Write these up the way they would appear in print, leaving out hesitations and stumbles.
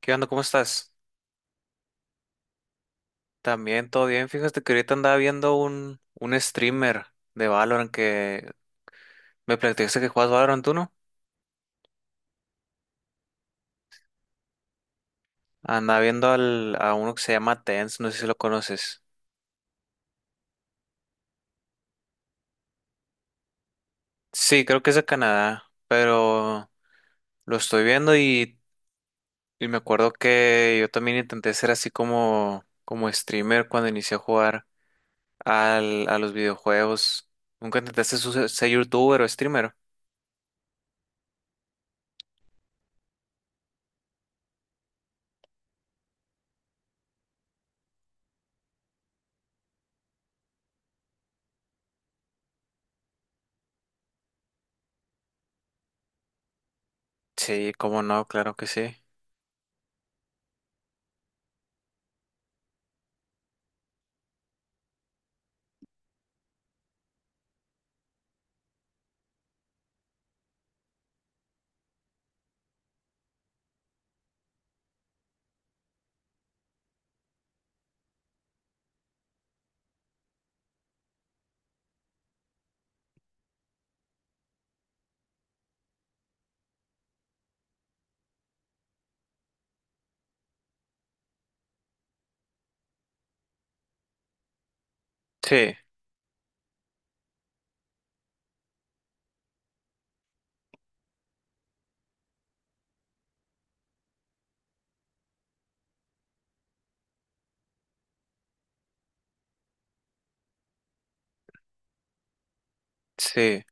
¿Qué onda? ¿Cómo estás? También todo bien. Fíjate que ahorita andaba viendo un streamer de Valorant que me platicaste que juegas Valorant, ¿tú no? Andaba viendo a uno que se llama Tenz, no sé si lo conoces. Sí, creo que es de Canadá, pero lo estoy viendo y me acuerdo que yo también intenté ser así como streamer cuando inicié a jugar a los videojuegos. ¿Nunca intentaste ser youtuber o streamer? Sí, cómo no, claro que sí. Sí, sí.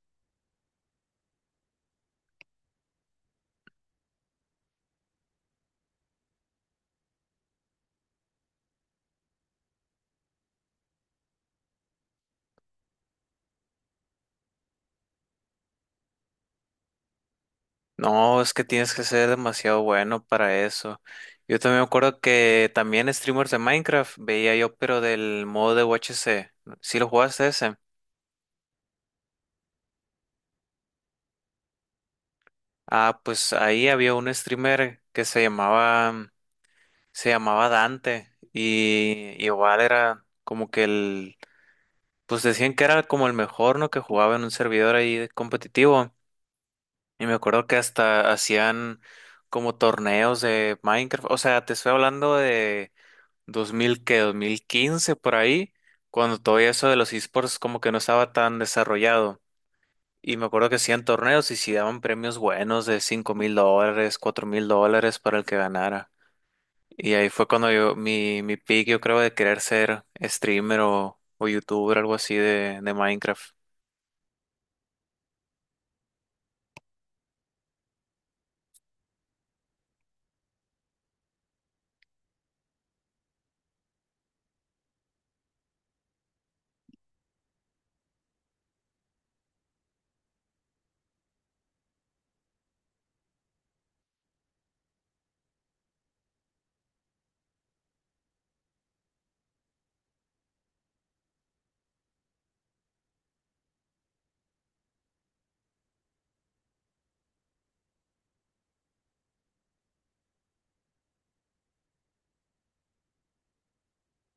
No, es que tienes que ser demasiado bueno para eso. Yo también me acuerdo que también streamers de Minecraft veía yo, pero del modo de UHC. ¿Sí lo jugaste ese? Ah, pues ahí había un streamer se llamaba Dante y igual era como que el, pues decían que era como el mejor, ¿no? Que jugaba en un servidor ahí de competitivo. Y me acuerdo que hasta hacían como torneos de Minecraft. O sea, te estoy hablando de 2000 que 2015 por ahí, cuando todo eso de los esports como que no estaba tan desarrollado. Y me acuerdo que hacían torneos y si daban premios buenos de 5 mil dólares, 4 mil dólares para el que ganara. Y ahí fue cuando yo, mi pick, yo creo, de querer ser streamer o youtuber, algo así de Minecraft.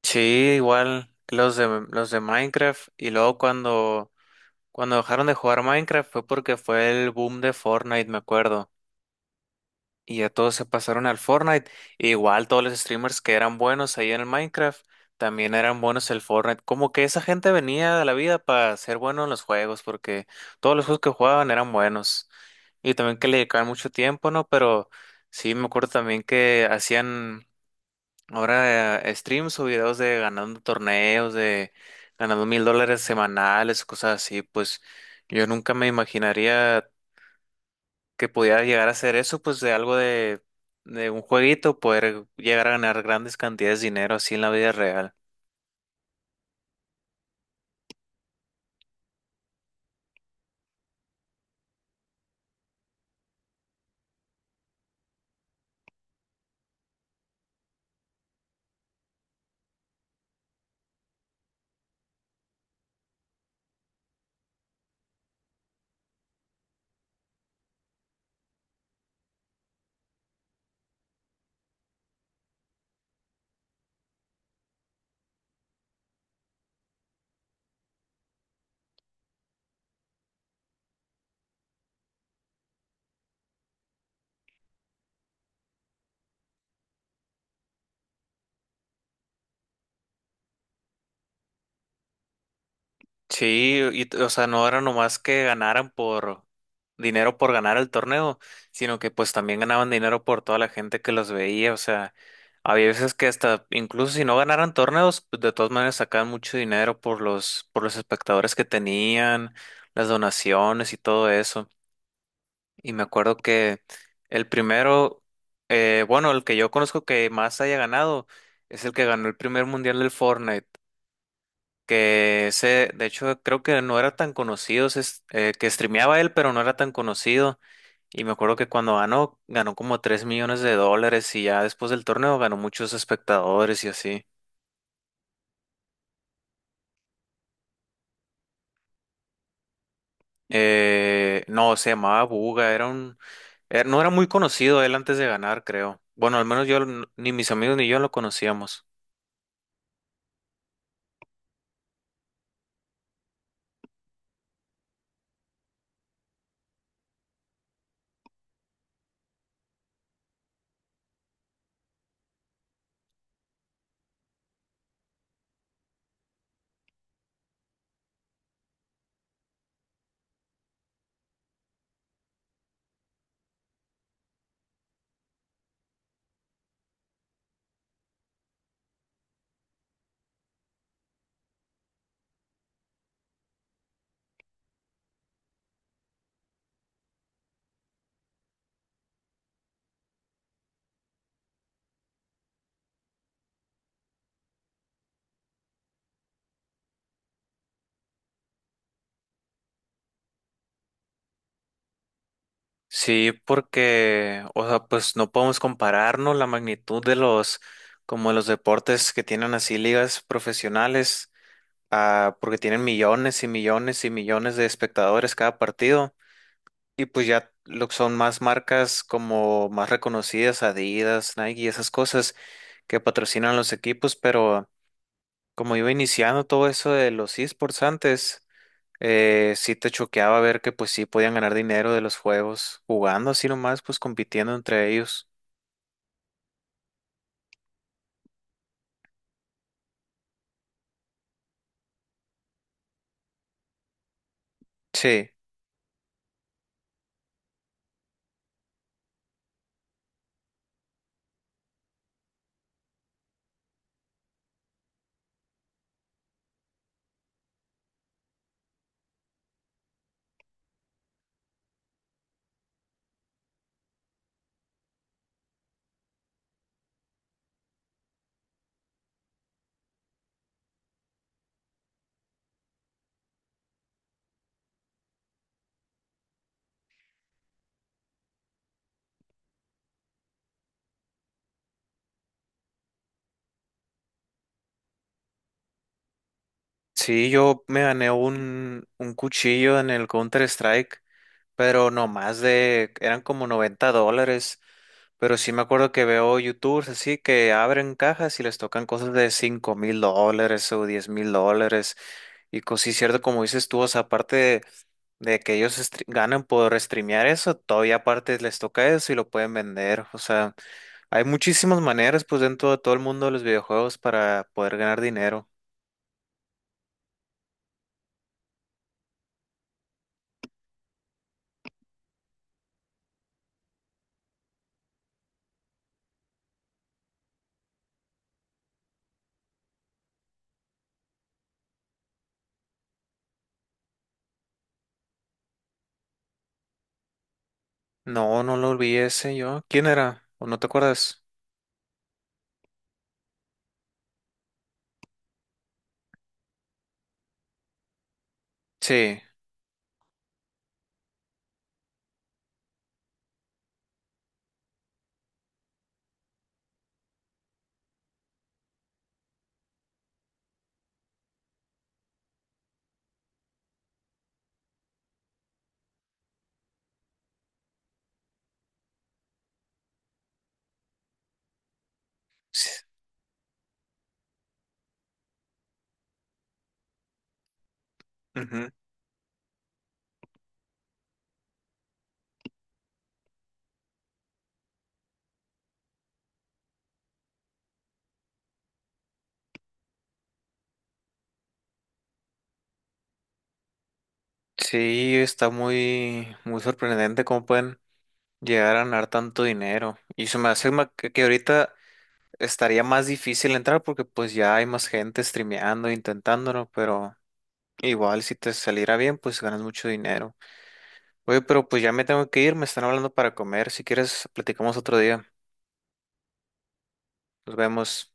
Sí, igual los los de Minecraft. Y luego cuando dejaron de jugar Minecraft fue porque fue el boom de Fortnite, me acuerdo. Y ya todos se pasaron al Fortnite. Igual todos los streamers que eran buenos ahí en el Minecraft, también eran buenos el Fortnite. Como que esa gente venía de la vida para ser bueno en los juegos, porque todos los juegos que jugaban eran buenos. Y también que le dedicaban mucho tiempo, ¿no? Pero sí, me acuerdo también que hacían ahora streams o videos de ganando torneos, de ganando $1,000 semanales, cosas así. Pues yo nunca me imaginaría que pudiera llegar a hacer eso, pues de algo de un jueguito, poder llegar a ganar grandes cantidades de dinero así en la vida real. Sí, o sea, no era nomás que ganaran por dinero por ganar el torneo, sino que pues también ganaban dinero por toda la gente que los veía, o sea, había veces que hasta incluso si no ganaran torneos, pues de todas maneras sacaban mucho dinero por los espectadores que tenían, las donaciones y todo eso. Y me acuerdo que el primero, bueno, el que yo conozco que más haya ganado es el que ganó el primer mundial del Fortnite, que ese, de hecho, creo que no era tan conocido, que streameaba él, pero no era tan conocido. Y me acuerdo que cuando ganó, ganó como $3 millones y ya después del torneo ganó muchos espectadores y así. No, se llamaba Buga, era un no era muy conocido él antes de ganar, creo. Bueno, al menos yo, ni mis amigos ni yo lo conocíamos. Sí, porque, o sea, pues no podemos compararnos la magnitud de los, como los deportes que tienen así ligas profesionales, porque tienen millones y millones y millones de espectadores cada partido, y pues ya lo que son más marcas como más reconocidas, Adidas, Nike y esas cosas que patrocinan los equipos, pero como iba iniciando todo eso de los esports antes sí te choqueaba ver que pues sí podían ganar dinero de los juegos, jugando así nomás, pues compitiendo entre ellos. Sí, sí, yo me gané un cuchillo en el Counter-Strike, pero no más de, eran como $90. Pero sí me acuerdo que veo YouTubers así que abren cajas y les tocan cosas de $5,000 o $10,000. Y cosas sí, cierto, como dices tú, o sea, aparte de que ellos ganan por streamear eso, todavía aparte les toca eso y lo pueden vender. O sea, hay muchísimas maneras, pues dentro de todo el mundo de los videojuegos para poder ganar dinero. No, no lo olvidé ese yo. ¿Quién era? ¿O no te acuerdas? Sí. Sí. Sí, está muy, muy sorprendente cómo pueden llegar a ganar tanto dinero. Y se me hace que ahorita estaría más difícil entrar porque pues ya hay más gente streameando, intentándolo, pero igual si te saliera bien, pues ganas mucho dinero. Oye, pero pues ya me tengo que ir, me están hablando para comer. Si quieres, platicamos otro día. Nos vemos.